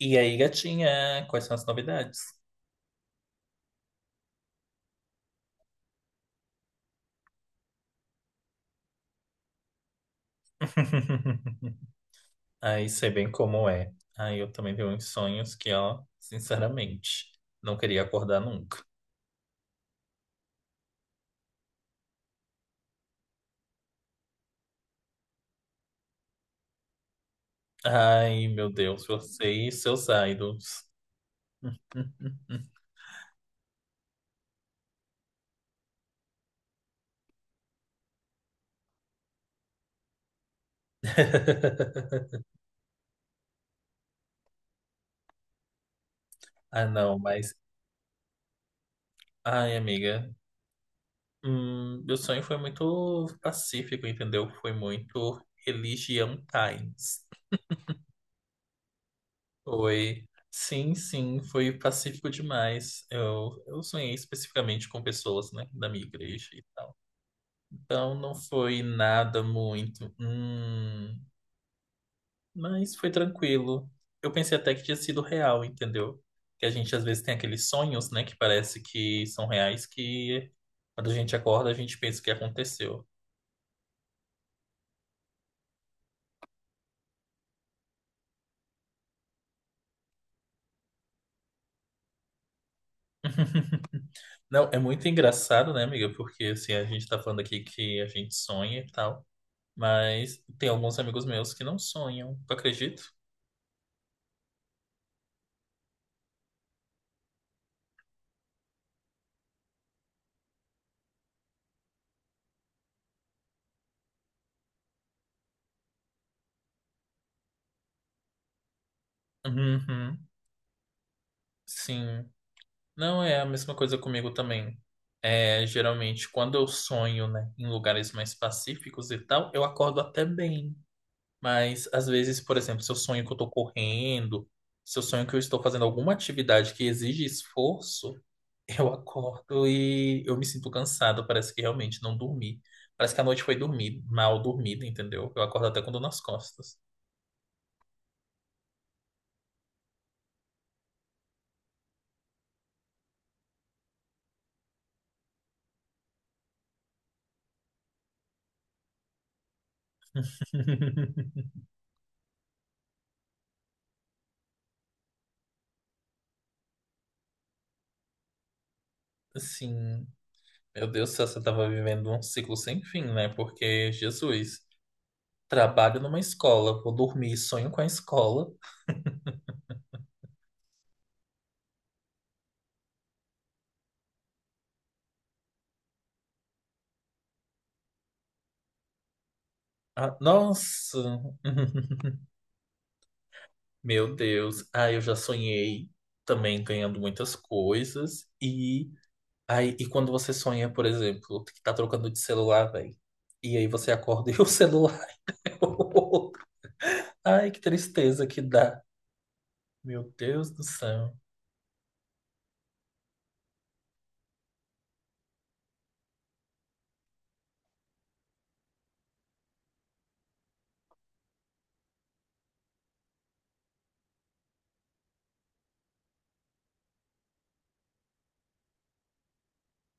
E aí, gatinha, quais são as novidades? Aí sei bem como é. Aí eu também tenho uns sonhos que, ó, sinceramente, não queria acordar nunca. Ai, meu Deus, você e seus idols. Ah, não, mas. Ai, amiga. Meu sonho foi muito pacífico, entendeu? Foi muito religião times. Foi. Sim, sim, foi pacífico demais. Eu sonhei especificamente com pessoas, né, da minha igreja e tal. Então não foi nada muito, mas foi tranquilo. Eu pensei até que tinha sido real, entendeu? Que a gente às vezes tem aqueles sonhos, né, que parece que são reais, que quando a gente acorda a gente pensa que aconteceu. Não, é muito engraçado, né, amiga? Porque assim, a gente tá falando aqui que a gente sonha e tal. Mas tem alguns amigos meus que não sonham, tu acredita? Uhum, sim. Não é a mesma coisa comigo também. É, geralmente, quando eu sonho, né, em lugares mais pacíficos e tal, eu acordo até bem. Mas, às vezes, por exemplo, se eu sonho que eu tô correndo, se eu sonho que eu estou fazendo alguma atividade que exige esforço, eu acordo e eu me sinto cansado. Parece que realmente não dormi. Parece que a noite foi dormir, mal dormida, entendeu? Eu acordo até com dor nas costas. Assim, meu Deus do céu, você estava vivendo um ciclo sem fim, né? Porque, Jesus, trabalho numa escola, vou dormir, sonho com a escola. Ah, nossa, meu Deus. Ah, eu já sonhei também ganhando muitas coisas. E aí, e quando você sonha, por exemplo, que tá trocando de celular, velho. E aí você acorda e o celular é o outro. Ai, que tristeza que dá. Meu Deus do céu.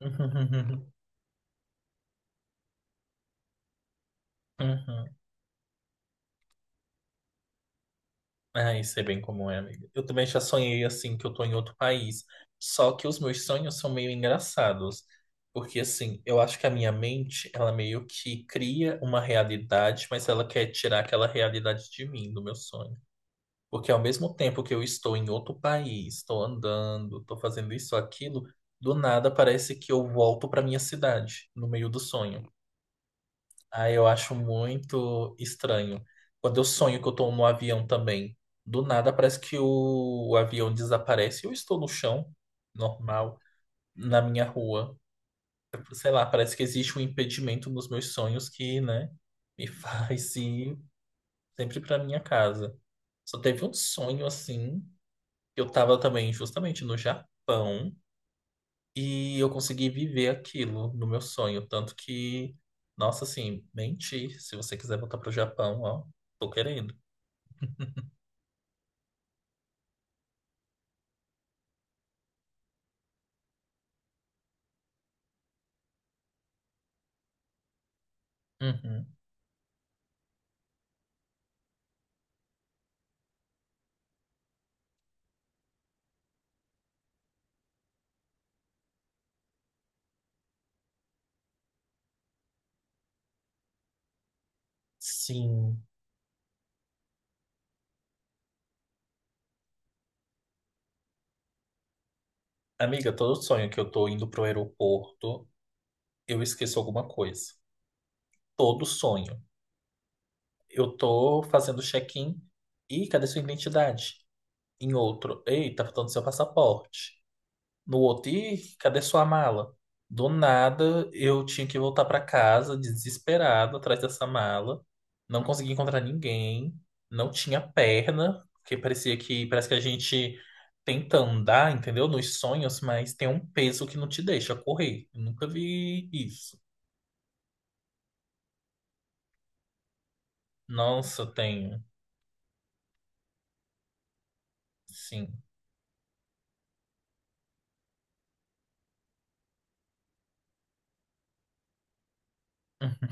Ah, isso é bem comum, é, amiga. Eu também já sonhei assim que eu tô em outro país. Só que os meus sonhos são meio engraçados. Porque assim, eu acho que a minha mente, ela meio que cria uma realidade, mas ela quer tirar aquela realidade de mim, do meu sonho. Porque ao mesmo tempo que eu estou em outro país, estou andando, estou fazendo isso, aquilo, do nada parece que eu volto para minha cidade, no meio do sonho. Ah, eu acho muito estranho. Quando eu sonho que eu tô no avião também, do nada parece que o avião desaparece. E Eu estou no chão, normal, na minha rua. Sei lá, parece que existe um impedimento nos meus sonhos que, né, me faz ir sempre pra minha casa. Só teve um sonho assim, que eu tava também justamente no Japão. E eu consegui viver aquilo no meu sonho. Tanto que, nossa, assim, menti. Se você quiser voltar pro Japão, ó, tô querendo. Uhum. Sim. Amiga, todo sonho que eu tô indo pro aeroporto, eu esqueço alguma coisa. Todo sonho. Eu tô fazendo check-in. Ih, cadê sua identidade? Em outro. Ei, tá faltando seu passaporte. No outro, cadê sua mala? Do nada, eu tinha que voltar pra casa, desesperado, atrás dessa mala. Não consegui encontrar ninguém, não tinha perna, porque parecia que parece que a gente tenta andar, entendeu? Nos sonhos, mas tem um peso que não te deixa correr. Eu nunca vi isso. Nossa, tenho, sim.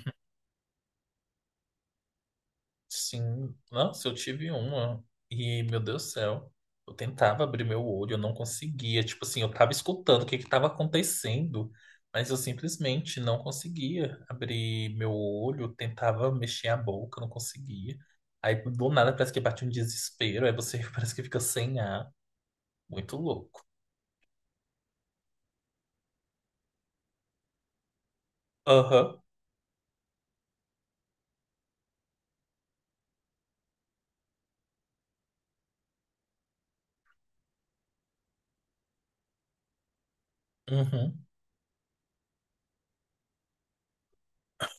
Sim, nossa, eu tive uma e, meu Deus do céu, eu tentava abrir meu olho, eu não conseguia. Tipo assim, eu tava escutando o que que tava acontecendo, mas eu simplesmente não conseguia abrir meu olho, tentava mexer a boca, não conseguia. Aí do nada parece que bate um desespero, aí você parece que fica sem ar, muito louco. Aham, uhum,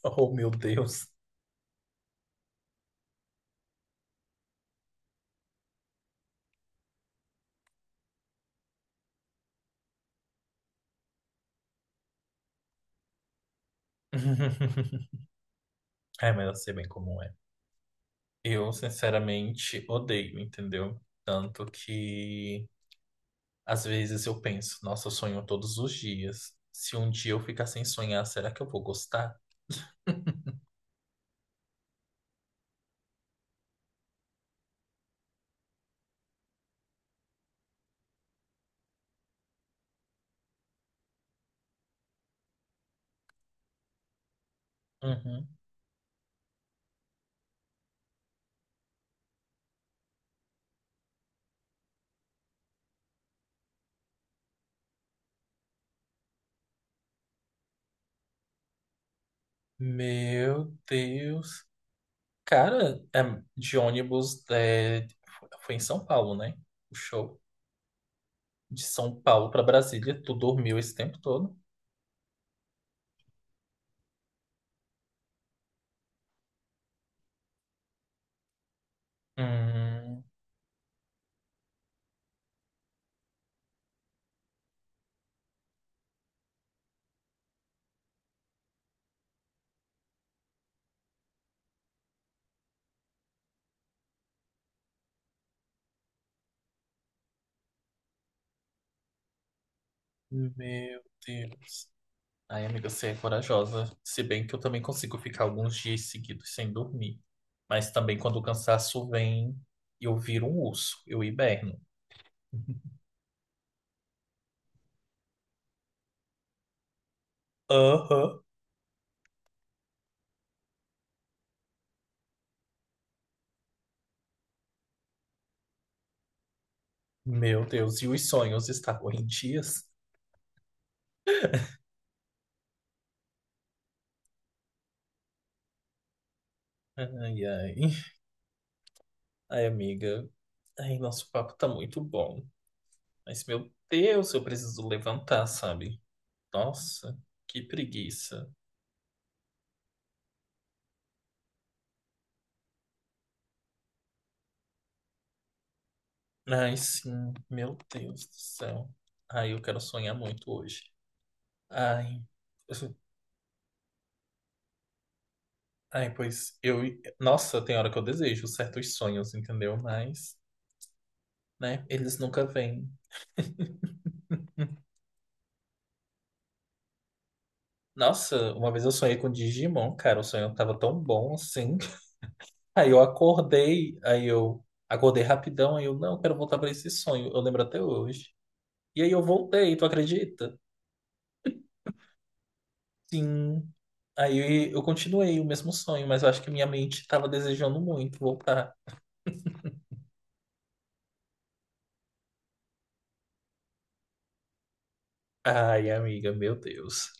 oh, meu Deus. É, mas eu sei bem como é. Eu, sinceramente, odeio, entendeu? Tanto que. Às vezes eu penso, nossa, eu sonho todos os dias. Se um dia eu ficar sem sonhar, será que eu vou gostar? Uhum. Meu Deus. Cara, é, de ônibus é, foi em São Paulo, né? O show. De São Paulo pra Brasília, tu dormiu esse tempo todo? Hum, meu Deus. Ai, amiga, você é corajosa. Se bem que eu também consigo ficar alguns dias seguidos sem dormir. Mas também quando o cansaço vem, eu viro um urso, eu hiberno. Aham. Meu Deus, e os sonhos estavam em dias? Ai, ai. Ai, amiga. Ai, nosso papo tá muito bom. Mas, meu Deus, eu preciso levantar, sabe? Nossa, que preguiça. Ai, sim, meu Deus do céu. Ai, eu quero sonhar muito hoje. Ai. Ai, pois eu. Nossa, tem hora que eu desejo certos sonhos, entendeu? Mas, né, eles nunca vêm. Nossa, uma vez eu sonhei com Digimon, cara. O sonho tava tão bom assim. Aí eu acordei rapidão, aí eu, não, eu quero voltar pra esse sonho. Eu lembro até hoje. E aí eu voltei, tu acredita? Sim. Aí eu continuei o mesmo sonho, mas eu acho que minha mente estava desejando muito voltar. Ai, amiga, meu Deus.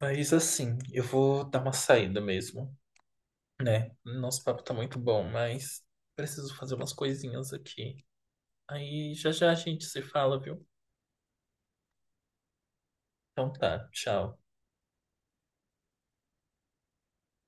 Mas assim, eu vou dar uma saída mesmo, né? Nosso papo tá muito bom, mas preciso fazer umas coisinhas aqui. Aí já já a gente se fala, viu? Então tá, tchau.